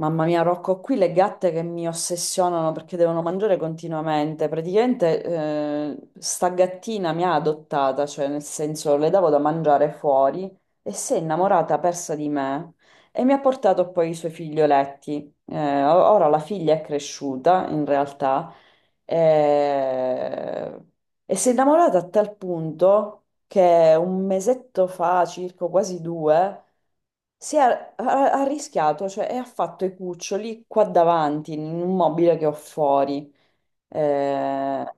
Mamma mia, Rocco, ho qui le gatte che mi ossessionano perché devono mangiare continuamente. Praticamente, sta gattina mi ha adottata, cioè nel senso le davo da mangiare fuori e si è innamorata persa di me e mi ha portato poi i suoi figlioletti. Ora la figlia è cresciuta, in realtà, eh, e si è innamorata a tal punto che un mesetto fa, circa quasi due, ha, ha rischiato, cioè e ha fatto i cuccioli qua davanti, in un mobile che ho fuori. Eh,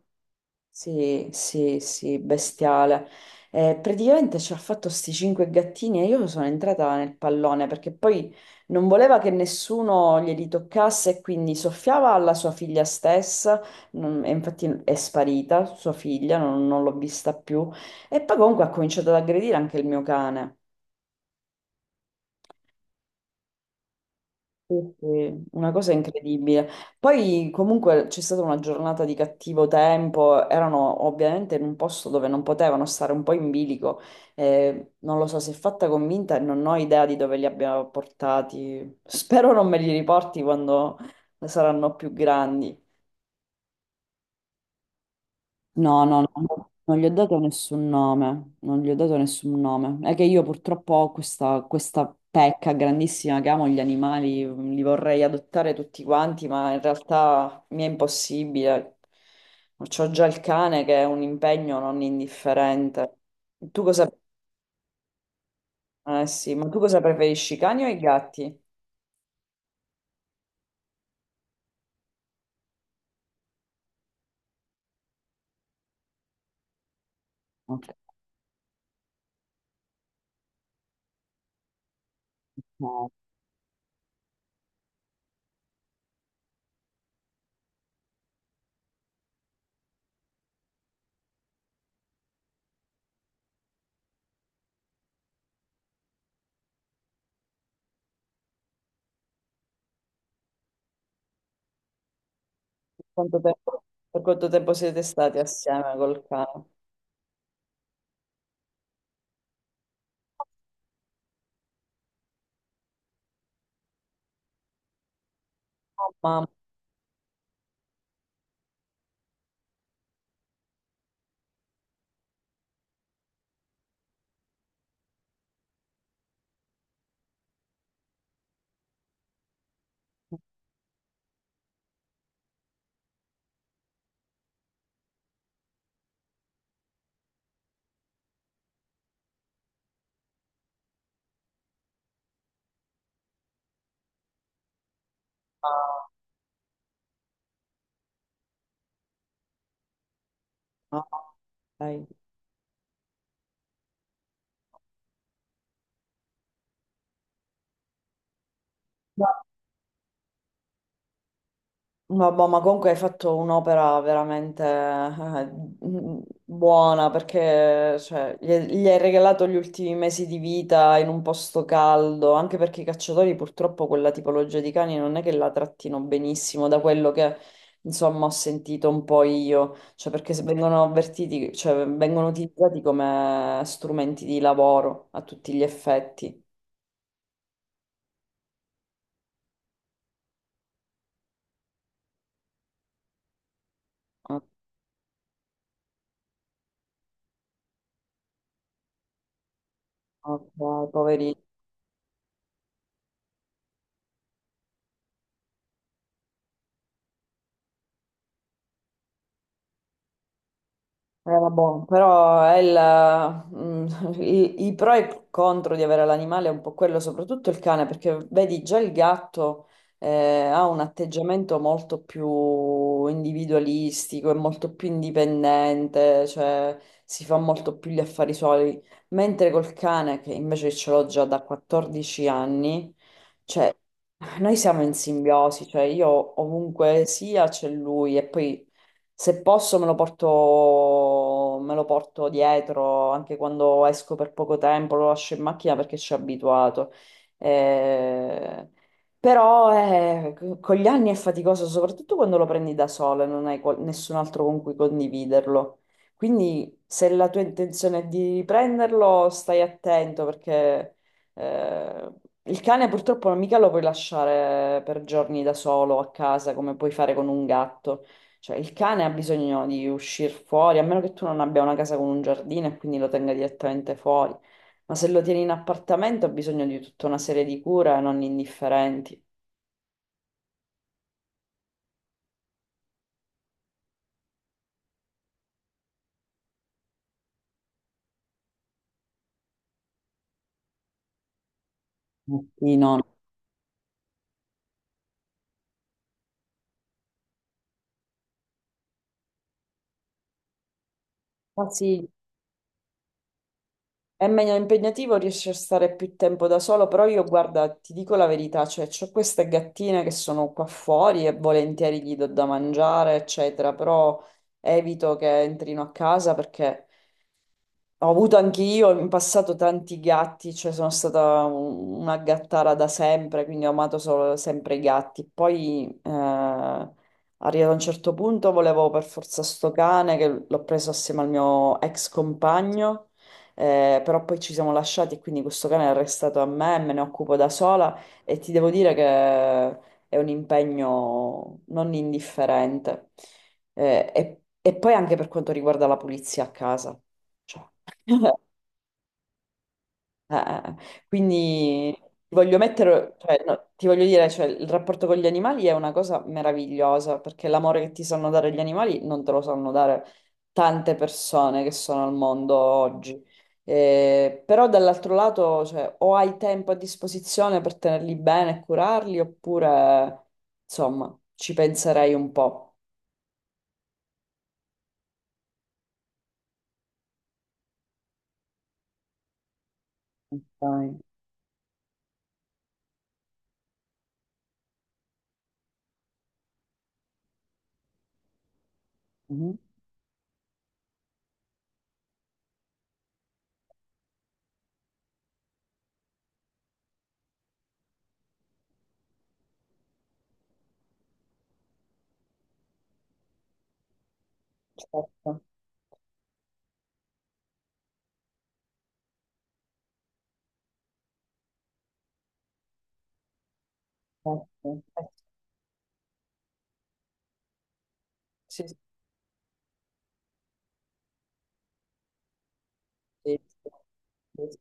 sì, sì, sì, bestiale. Praticamente ci ha fatto sti 5 gattini e io sono entrata nel pallone perché poi non voleva che nessuno glieli toccasse e quindi soffiava alla sua figlia stessa, e infatti è sparita sua figlia, non l'ho vista più. E poi comunque ha cominciato ad aggredire anche il mio cane. Quindi, una cosa incredibile. Poi comunque c'è stata una giornata di cattivo tempo, erano ovviamente in un posto dove non potevano stare un po' in bilico. Non lo so, si è fatta convinta e non ho idea di dove li abbia portati. Spero non me li riporti quando saranno più grandi. No, no, no, no, non gli ho dato nessun nome, non gli ho dato nessun nome. È che io purtroppo ho questa, questa pecca grandissima che amo gli animali, li vorrei adottare tutti quanti, ma in realtà mi è impossibile. C'ho già il cane che è un impegno non indifferente. Tu cosa, eh sì, ma tu cosa preferisci, i cani o i gatti? Ok. No. Per quanto tempo, per quanto tempo siete stati assieme col cane? Oh, mamma. Ah, ok. Vabbè, ma comunque hai fatto un'opera veramente mm, buona perché cioè, gli hai regalato gli ultimi mesi di vita in un posto caldo, anche perché i cacciatori purtroppo quella tipologia di cani non è che la trattino benissimo, da quello che insomma ho sentito un po' io, cioè perché se vengono avvertiti, cioè vengono utilizzati come strumenti di lavoro a tutti gli effetti. Ah, ok, poverino. Era buono, però i pro e i contro di avere l'animale è un po' quello, soprattutto il cane, perché vedi già il gatto eh, ha un atteggiamento molto più individualistico, è molto più indipendente, cioè si fa molto più gli affari suoi, mentre col cane, che invece ce l'ho già da 14 anni, cioè noi siamo in simbiosi, cioè io ovunque sia c'è lui e poi... Se posso me lo porto dietro anche quando esco per poco tempo, lo lascio in macchina perché ci ho abituato. Eh, Però con gli anni è faticoso, soprattutto quando lo prendi da sola e non hai nessun altro con cui condividerlo. Quindi se la tua intenzione è di prenderlo, stai attento perché eh, il cane purtroppo non mica lo puoi lasciare per giorni da solo a casa come puoi fare con un gatto. Cioè, il cane ha bisogno di uscire fuori, a meno che tu non abbia una casa con un giardino e quindi lo tenga direttamente fuori. Ma se lo tieni in appartamento ha bisogno di tutta una serie di cure non indifferenti. Sì, no, no. Ah, sì, è meglio impegnativo, riesci a stare più tempo da solo, però io guarda, ti dico la verità, cioè c'ho queste gattine che sono qua fuori e volentieri gli do da mangiare, eccetera, però evito che entrino a casa perché ho avuto anche io in passato tanti gatti, cioè sono stata una gattara da sempre, quindi ho amato solo sempre i gatti. Poi arrivato a un certo punto volevo per forza sto cane che l'ho preso assieme al mio ex compagno, però poi ci siamo lasciati e quindi questo cane è restato a me, me ne occupo da sola e ti devo dire che è un impegno non indifferente. Eh, e e poi anche per quanto riguarda la pulizia a casa. Cioè, eh, eh, eh. quindi ti voglio mettere, cioè, no, ti voglio dire, cioè, il rapporto con gli animali è una cosa meravigliosa, perché l'amore che ti sanno dare gli animali non te lo sanno dare tante persone che sono al mondo oggi. Però dall'altro lato, cioè, o hai tempo a disposizione per tenerli bene e curarli, oppure, insomma, ci penserei un po'. Ok. Mhm. Certo, certo. Eh, Sì, sì, sì. Sì, sì.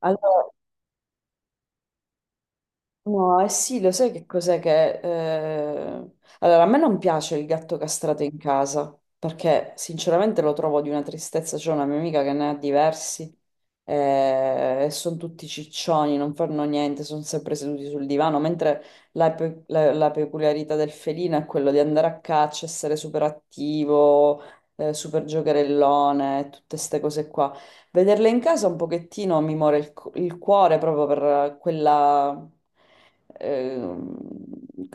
Allora, no, eh sì, lo sai che cos'è che... Allora, a me non piace il gatto castrato in casa, perché sinceramente lo trovo di una tristezza. C'è una mia amica che ne ha diversi e sono tutti ciccioni, non fanno niente, sono sempre seduti sul divano, mentre la peculiarità del felino è quello di andare a caccia, essere super attivo, super giocherellone, tutte queste cose qua. Vederle in casa un pochettino mi muore il cuore proprio per quella ehm,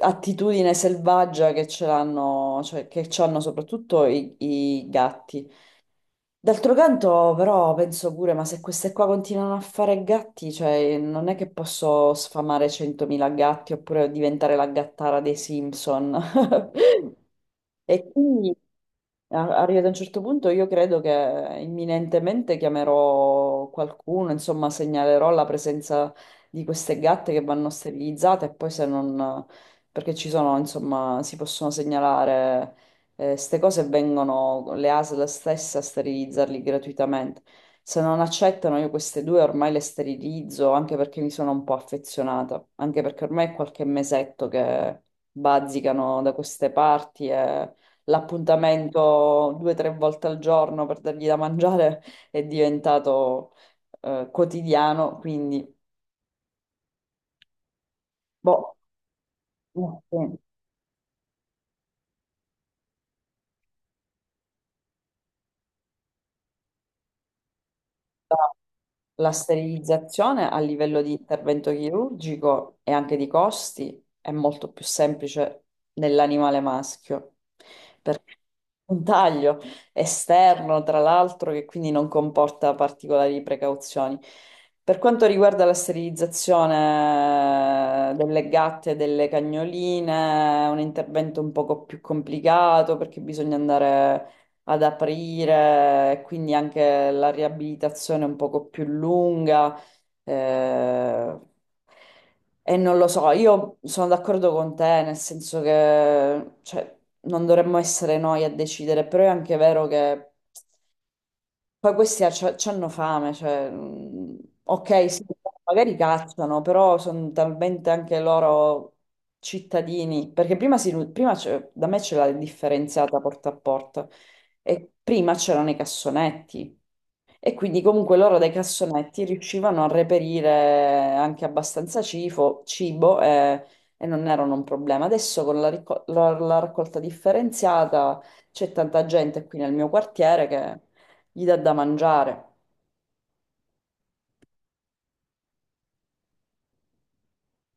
attitudine selvaggia che ce l'hanno, cioè che ci hanno soprattutto i, i gatti. D'altro canto, però, penso pure, ma se queste qua continuano a fare gatti, cioè non è che posso sfamare 100.000 gatti oppure diventare la gattara dei Simpson. E quindi arrivato a un certo punto io credo che imminentemente chiamerò qualcuno, insomma, segnalerò la presenza di queste gatte che vanno sterilizzate e poi se non... perché ci sono, insomma, si possono segnalare queste cose e vengono le ASL stesse a sterilizzarli gratuitamente. Se non accettano, io queste due ormai le sterilizzo anche perché mi sono un po' affezionata, anche perché ormai è qualche mesetto che bazzicano da queste parti e l'appuntamento due o tre volte al giorno per dargli da mangiare è diventato quotidiano, quindi boh, sì, la sterilizzazione a livello di intervento chirurgico e anche di costi è molto più semplice nell'animale maschio, perché un taglio esterno, tra l'altro, che quindi non comporta particolari precauzioni. Per quanto riguarda la sterilizzazione delle gatte e delle cagnoline, è un intervento un poco più complicato perché bisogna andare ad aprire, quindi anche la riabilitazione un poco più lunga. eh, e non lo so, io sono d'accordo con te, nel senso che cioè, non dovremmo essere noi a decidere, però è anche vero che poi questi hanno fame, cioè, mm, ok, sì, magari cacciano, però sono talmente anche loro cittadini, perché prima, prima da me c'era la differenziata porta a porta e prima c'erano i cassonetti e quindi comunque loro dai cassonetti riuscivano a reperire anche abbastanza cibo e, non erano un problema. Adesso con la la raccolta differenziata c'è tanta gente qui nel mio quartiere che gli dà da mangiare.